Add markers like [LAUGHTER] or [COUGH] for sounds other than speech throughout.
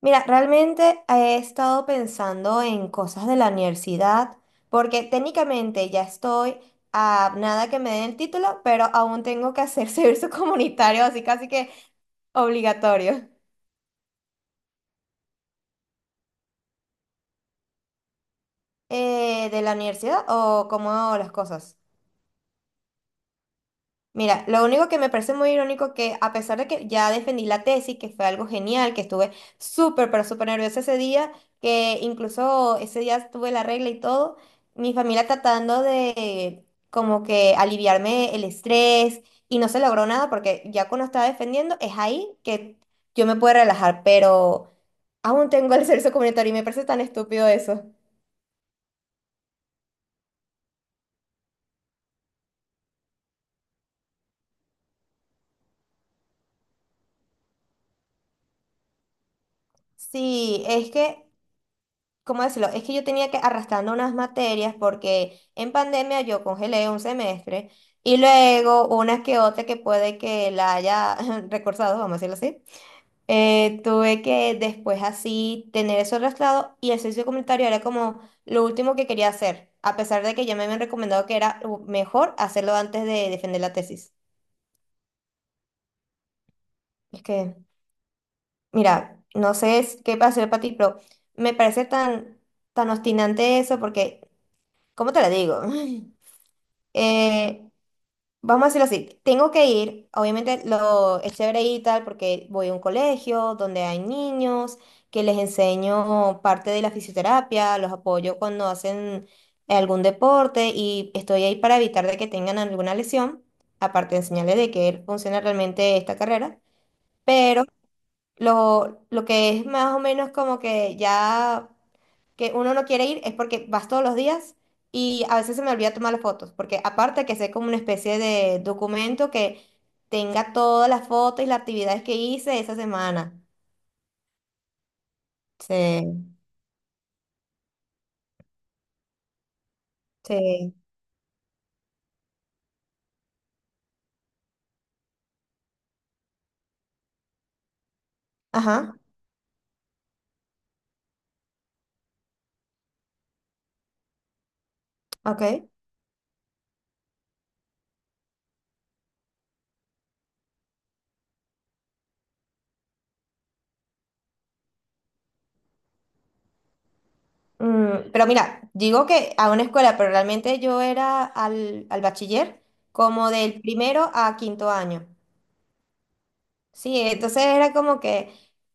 Mira, realmente he estado pensando en cosas de la universidad, porque técnicamente ya estoy a nada que me den el título, pero aún tengo que hacer [LAUGHS] servicio comunitario, así casi que obligatorio. ¿De la universidad o cómo hago las cosas? Mira, lo único que me parece muy irónico que a pesar de que ya defendí la tesis, que fue algo genial, que estuve súper, pero súper nerviosa ese día, que incluso ese día tuve la regla y todo, mi familia tratando de como que aliviarme el estrés y no se logró nada porque ya cuando estaba defendiendo es ahí que yo me puedo relajar, pero aún tengo el servicio comunitario y me parece tan estúpido eso. Sí, es que ¿cómo decirlo? Es que yo tenía que arrastrando unas materias porque en pandemia yo congelé un semestre y luego unas que otra que puede que la haya [LAUGHS] recursado, vamos a decirlo así, tuve que después así tener eso arrastrado y el servicio comunitario era como lo último que quería hacer, a pesar de que ya me habían recomendado que era mejor hacerlo antes de defender la tesis. Es que, mira, no sé qué va a hacer para ti, pero me parece tan, tan obstinante eso porque, ¿cómo te lo digo? [LAUGHS] eh, vamos a decirlo así, tengo que ir, obviamente lo es chévere ir y tal porque voy a un colegio donde hay niños, que les enseño parte de la fisioterapia, los apoyo cuando hacen algún deporte y estoy ahí para evitar de que tengan alguna lesión, aparte de enseñarles de que funciona realmente esta carrera, pero lo que es más o menos como que ya que uno no quiere ir es porque vas todos los días y a veces se me olvida tomar las fotos, porque aparte que sea como una especie de documento que tenga todas las fotos y las actividades que hice esa semana. Sí, sí. Ajá, ok. Mm, pero mira, digo que a una escuela, pero realmente yo era al bachiller como del primero a quinto año. Sí, entonces era como que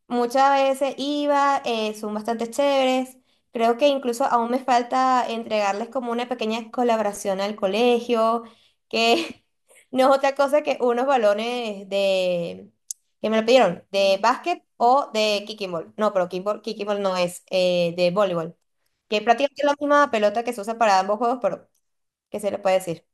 muchas veces iba, son bastante chéveres. Creo que incluso aún me falta entregarles como una pequeña colaboración al colegio, que [LAUGHS] no es otra cosa que unos balones de, que me lo pidieron, de básquet o de kicking ball. No, pero kicking ball no es, de voleibol, que es prácticamente la misma pelota que se usa para ambos juegos, pero ¿qué se le puede decir?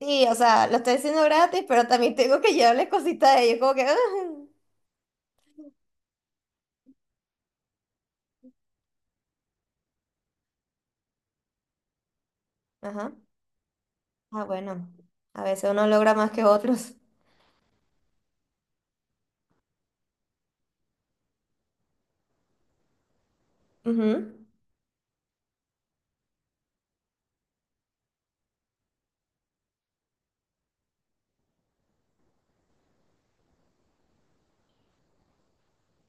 Sí, o sea, lo estoy haciendo gratis, pero también tengo que llevarles cositas a ellos, como que... [LAUGHS] Ajá. Ah, bueno. A veces uno logra más que otros. Ujú.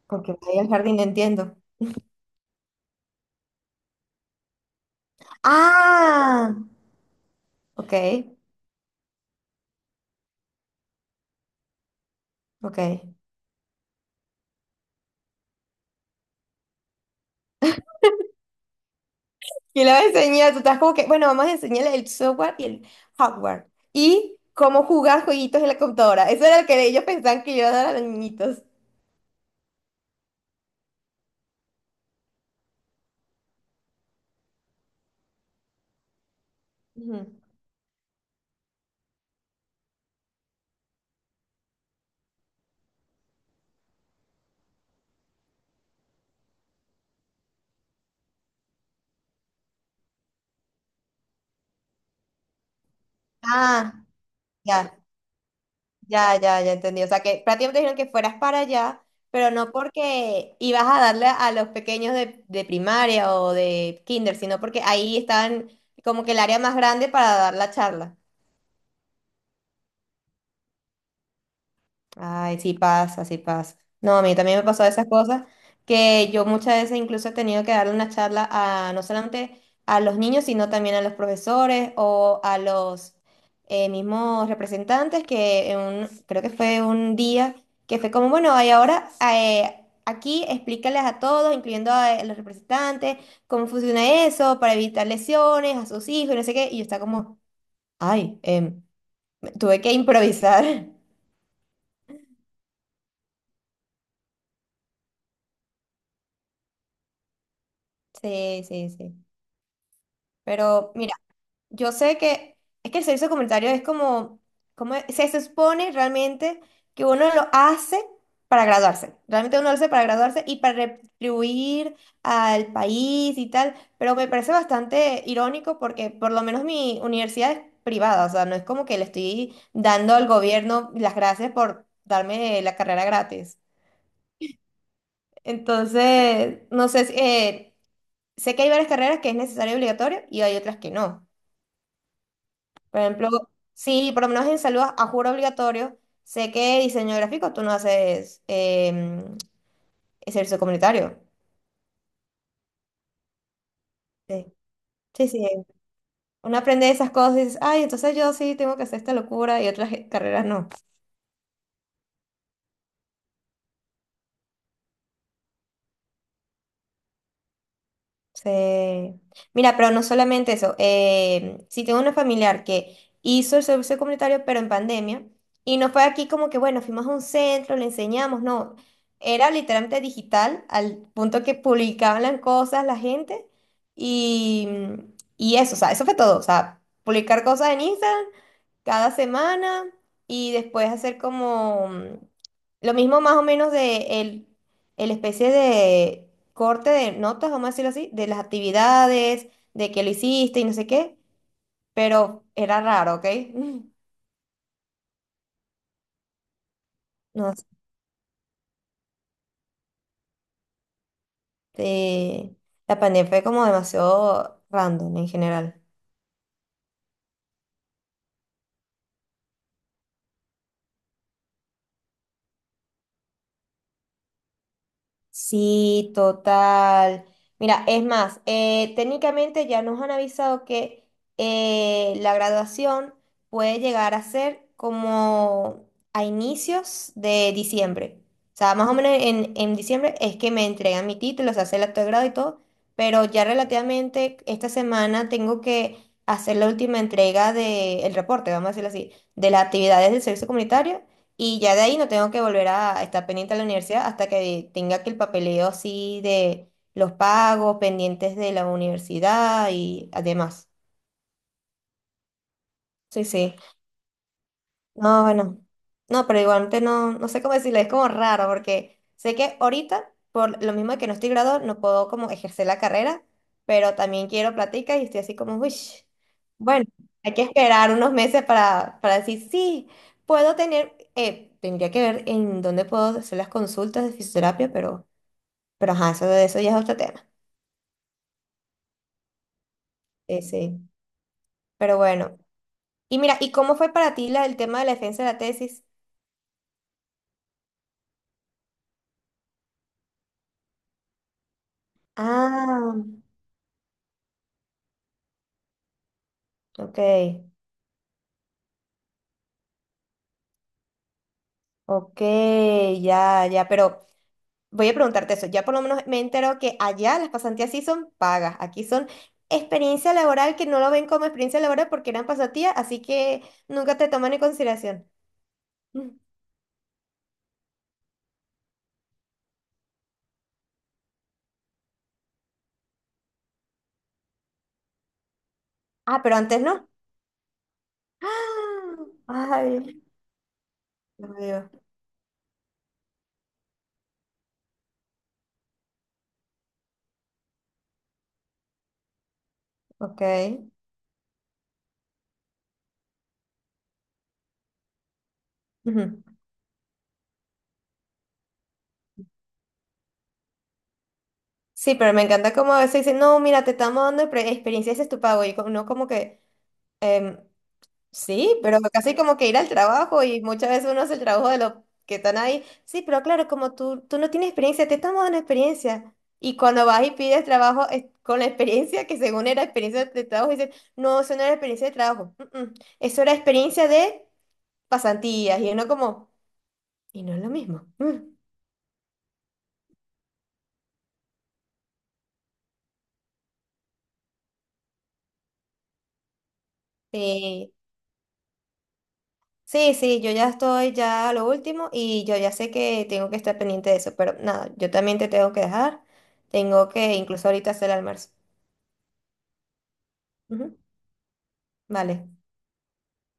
Porque voy al jardín, entiendo. Ah, ok, ok. Y le vas a enseñar, tú estás como que, bueno, vamos a enseñarle el software y el hardware. Y cómo jugar jueguitos en la computadora. Eso era lo que ellos pensaban que yo iba a dar a los niñitos. Ujú. Ah, ya. Ya, ya, ya entendí. O sea, que prácticamente dijeron que fueras para allá, pero no porque ibas a darle a los pequeños de primaria o de kinder, sino porque ahí estaban como que el área más grande para dar la charla. Ay, sí pasa, sí pasa. No, a mí también me pasó esas cosas que yo muchas veces incluso he tenido que darle una charla a no solamente a los niños, sino también a los profesores o a los mismos representantes que en creo que fue un día que fue como, bueno, y ahora aquí explícales a todos, incluyendo a los representantes, cómo funciona eso para evitar lesiones a sus hijos y no sé qué. Y yo estaba como, ay, tuve que improvisar. [LAUGHS] Sí, sí, sí. Pero mira, yo sé que es que el servicio comunitario es como, como se supone realmente que uno lo hace para graduarse. Realmente uno lo hace para graduarse y para retribuir al país y tal. Pero me parece bastante irónico porque por lo menos mi universidad es privada. O sea, no es como que le estoy dando al gobierno las gracias por darme la carrera gratis. Entonces, no sé, sé que hay varias carreras que es necesario y obligatorio y hay otras que no. Por ejemplo, sí, por lo menos en salud a juro obligatorio, sé que diseño gráfico tú no haces servicio comunitario. Sí, sí, sí. Uno aprende esas cosas y dices, ay, entonces yo sí tengo que hacer esta locura y otras carreras no. Sí. Mira, pero no solamente eso. Si tengo una familiar que hizo el servicio comunitario, pero en pandemia, y no fue aquí como que, bueno, fuimos a un centro, le enseñamos, no. Era literalmente digital, al punto que publicaban las cosas la gente, y, y eso, o sea, eso fue todo. O sea, publicar cosas en Instagram cada semana, y después hacer como. Lo mismo más o menos de el especie de corte de notas, vamos a decirlo así, de las actividades, de que lo hiciste y no sé qué, pero era raro, ¿ok? [LAUGHS] No sé, la pandemia fue como demasiado random en general. Sí, total. Mira, es más, técnicamente ya nos han avisado que la graduación puede llegar a ser como a inicios de diciembre. O sea, más o menos en diciembre es que me entregan mi título, se hace el acto de grado y todo, pero ya relativamente esta semana tengo que hacer la última entrega del reporte, vamos a decirlo así, de las actividades del servicio comunitario y ya de ahí no tengo que volver a estar pendiente a la universidad hasta que tenga que el papeleo así de los pagos, pendientes de la universidad y además. Sí, sí. No, bueno, no, pero igualmente no, no sé cómo decirle, es como raro porque sé que ahorita, por lo mismo que no estoy graduado, no puedo como ejercer la carrera, pero también quiero plática y estoy así como, uy, bueno, hay que esperar unos meses para decir, sí, puedo tener, tendría que ver en dónde puedo hacer las consultas de fisioterapia, pero ajá, eso, de eso ya es otro tema. Sí, sí, pero bueno. Y mira, ¿y cómo fue para ti la, el tema de la defensa de la tesis? Ah, ok. Ok, ya, ya, pero voy a preguntarte eso. Ya por lo menos me entero que allá las pasantías sí son pagas, aquí son experiencia laboral que no lo ven como experiencia laboral porque eran pasantías, así que nunca te toman en consideración. Mm. Ah, pero antes no. ¡Ah! Ay, Dios mío. Ok. Ujú. Sí, pero me encanta cómo a veces dicen, no, mira, te estamos dando experiencia, ese es tu pago. Y uno como que, em, sí, pero casi como que ir al trabajo y muchas veces uno hace el trabajo de los que están ahí. Sí, pero claro, como tú no tienes experiencia, te estamos dando experiencia. Y cuando vas y pides trabajo es con la experiencia, que según era experiencia de trabajo, dicen, no, eso no era experiencia de trabajo. Eso era experiencia de pasantías. Y uno como, y no es lo mismo. Mm". Sí, sí, sí, yo ya estoy ya a lo último y yo ya sé que tengo que estar pendiente de eso, pero nada, yo también te tengo que dejar. Tengo que incluso ahorita hacer el almuerzo. Ujú. Vale.